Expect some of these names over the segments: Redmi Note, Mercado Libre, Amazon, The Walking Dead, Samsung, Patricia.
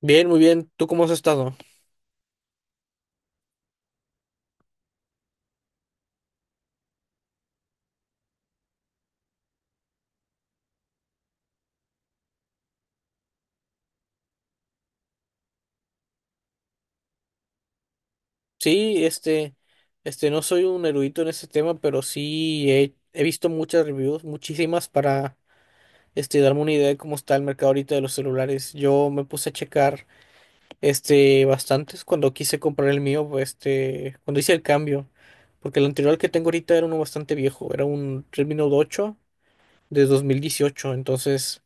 Bien, muy bien. ¿Tú cómo has estado? Sí, no soy un erudito en este tema, pero sí he visto muchas reviews, muchísimas, para darme una idea de cómo está el mercado ahorita de los celulares. Yo me puse a checar bastantes cuando quise comprar el mío, pues, cuando hice el cambio, porque el anterior que tengo ahorita era uno bastante viejo, era un Redmi Note 8 de 2018. Entonces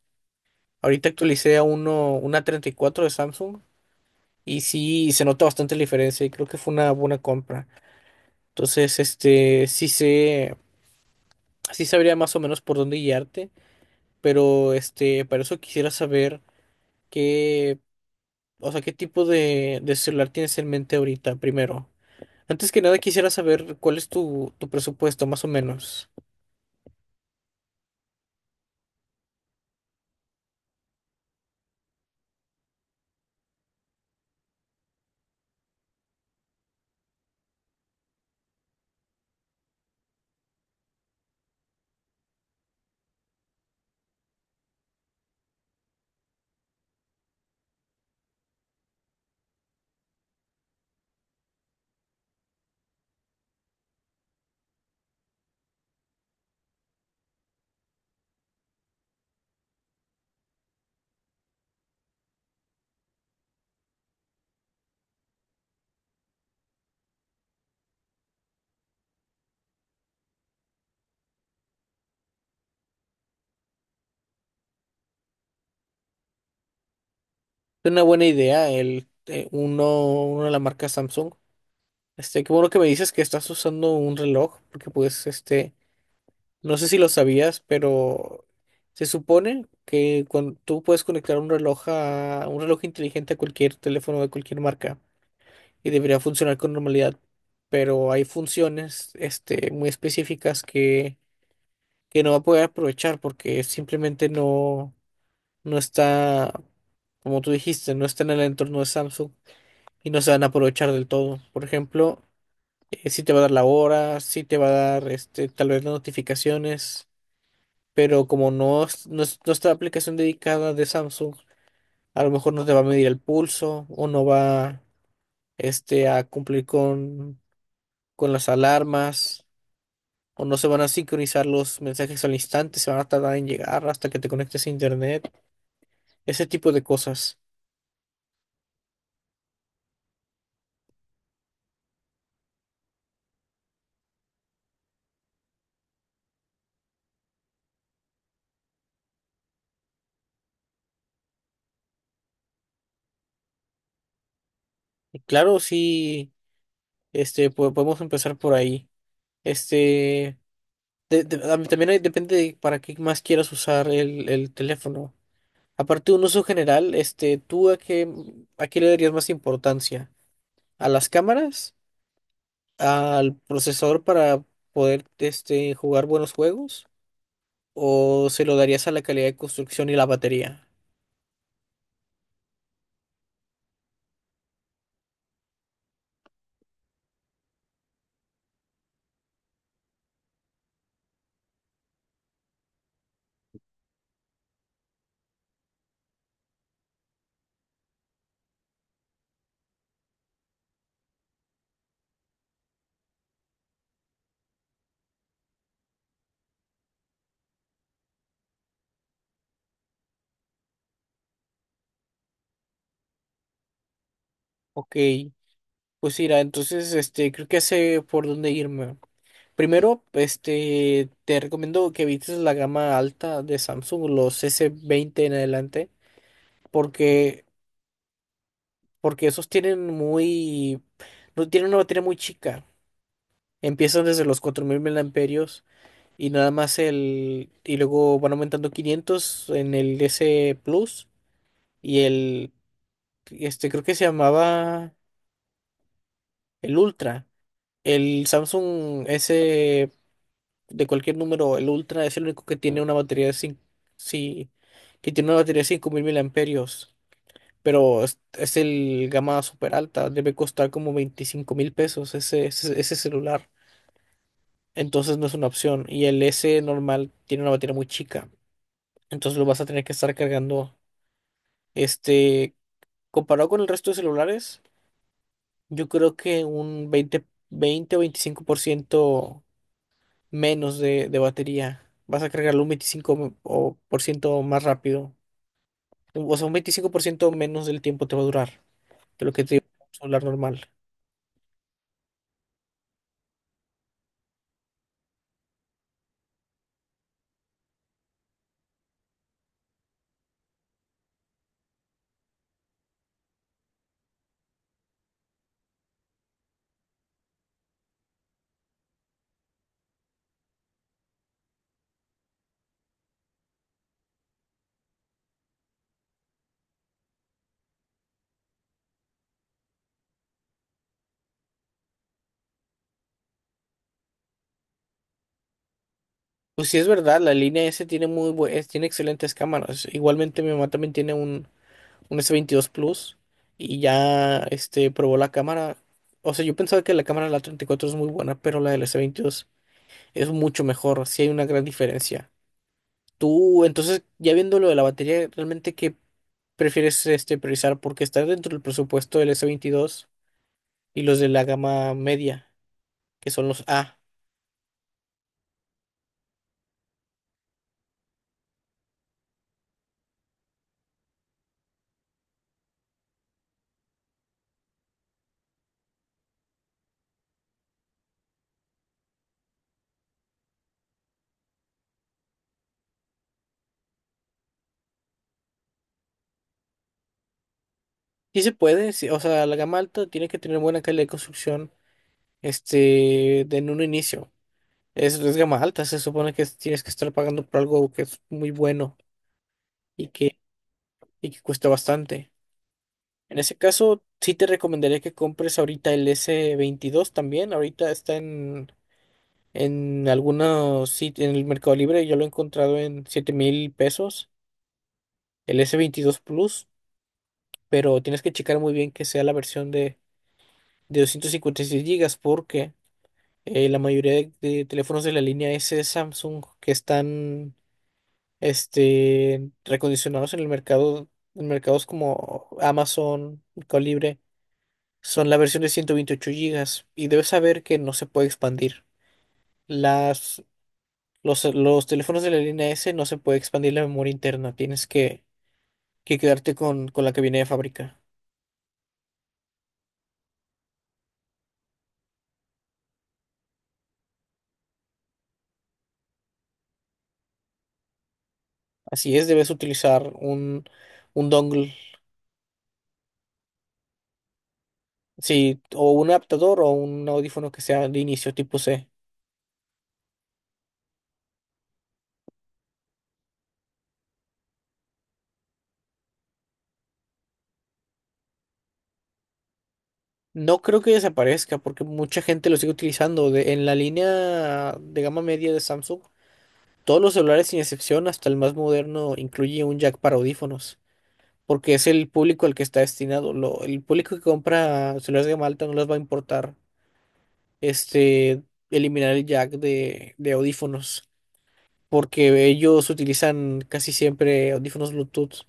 ahorita actualicé a una 34 de Samsung. Y sí, se nota bastante la diferencia y creo que fue una buena compra. Entonces, sí sé, sí sabría más o menos por dónde guiarte, pero para eso quisiera saber qué, o sea, qué tipo de celular tienes en mente ahorita, primero. Antes que nada quisiera saber cuál es tu presupuesto, más o menos. Es una buena idea el uno de la marca Samsung. Qué bueno que me dices que estás usando un reloj, porque pues no sé si lo sabías, pero se supone que cuando tú puedes conectar un reloj a un reloj inteligente a cualquier teléfono de cualquier marca y debería funcionar con normalidad, pero hay funciones muy específicas que no va a poder aprovechar porque simplemente no está, como tú dijiste, no está en el entorno de Samsung y no se van a aprovechar del todo. Por ejemplo, si te va a dar la hora, si te va a dar tal vez las notificaciones. Pero como no está la aplicación dedicada de Samsung, a lo mejor no te va a medir el pulso o no va a cumplir con, las alarmas o no se van a sincronizar los mensajes al instante, se van a tardar en llegar hasta que te conectes a internet, ese tipo de cosas. Y claro, sí, podemos empezar por ahí. Este, a mí también depende de para qué más quieras usar el teléfono. Aparte de un uso general, ¿tú a qué, le darías más importancia? ¿A las cámaras? ¿Al procesador para poder, jugar buenos juegos? ¿O se lo darías a la calidad de construcción y la batería? Ok, pues mira, entonces creo que sé por dónde irme. Primero, te recomiendo que evites la gama alta de Samsung, los S20 en adelante, porque porque esos tienen muy no tienen una batería muy chica. Empiezan desde los 4000 miliamperios y nada más el. Y luego van aumentando 500 en el S Plus y el. Creo que se llamaba el Ultra. El Samsung S de cualquier número, el Ultra es el único que tiene una batería de cinco. Sí, que tiene una batería de 5000 miliamperios. Pero es el gama super alta. Debe costar como 25,000 pesos ese celular. Entonces no es una opción. Y el S normal tiene una batería muy chica. Entonces lo vas a tener que estar cargando. Este, Comparado con el resto de celulares, yo creo que un 20 20 o 25% menos de batería. Vas a cargarlo un 25% o por ciento más rápido. O sea, un 25% menos del tiempo te va a durar que lo que te un celular normal. Pues sí es verdad, la línea S tiene tiene excelentes cámaras. Igualmente mi mamá también tiene un S22 Plus y ya probó la cámara. O sea, yo pensaba que la cámara de la 34 es muy buena, pero la del S22 es mucho mejor, sí hay una gran diferencia. Tú, entonces, ya viendo lo de la batería, ¿realmente qué prefieres priorizar? Porque está dentro del presupuesto del S22 y los de la gama media, que son los A. Sí se puede, sí, o sea, la gama alta tiene que tener buena calidad de construcción, de en un inicio. Es gama alta, se supone que tienes que estar pagando por algo que es muy bueno, y que, y que cuesta bastante. En ese caso, sí te recomendaría que compres ahorita el S22 también. Ahorita está en algunos sitios, en el Mercado Libre, yo lo he encontrado en 7,000 pesos, el S22 Plus, pero tienes que checar muy bien que sea la versión de 256 gigas, porque la mayoría de teléfonos de la línea S de Samsung que están recondicionados en el mercado, en mercados como Amazon, Mercado Libre. Son la versión de 128 gigas y debes saber que no se puede expandir. Las, los teléfonos de la línea S no se puede expandir la memoria interna, tienes que quedarte con la que viene de fábrica. Así es, debes utilizar un dongle, sí, o un adaptador o un audífono que sea de inicio tipo C. No creo que desaparezca porque mucha gente lo sigue utilizando. En la línea de gama media de Samsung, todos los celulares sin excepción, hasta el más moderno, incluye un jack para audífonos, porque es el público al que está destinado. El público que compra celulares de Malta no les va a importar este, eliminar el jack de audífonos, porque ellos utilizan casi siempre audífonos Bluetooth.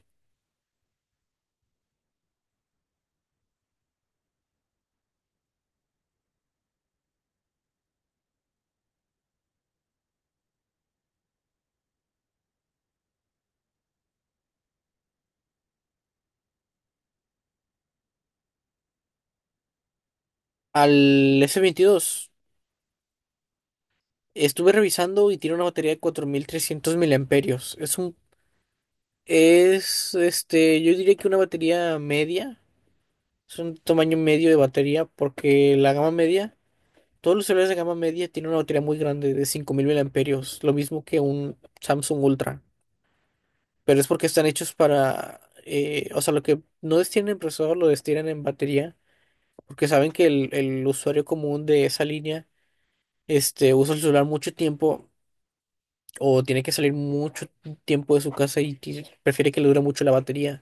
Al S22 estuve revisando y tiene una batería de 4300 miliamperios. Es, yo diría que una batería media, es un tamaño medio de batería, porque la gama media. Todos los celulares de gama media tienen una batería muy grande de 5000 miliamperios, lo mismo que un Samsung Ultra, pero es porque están hechos para, o sea, lo que no destinan en procesador lo destinan en batería, porque saben que el usuario común de esa línea, usa el celular mucho tiempo o tiene que salir mucho tiempo de su casa y prefiere que le dure mucho la batería.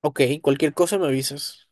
Ok, cualquier cosa me avisas.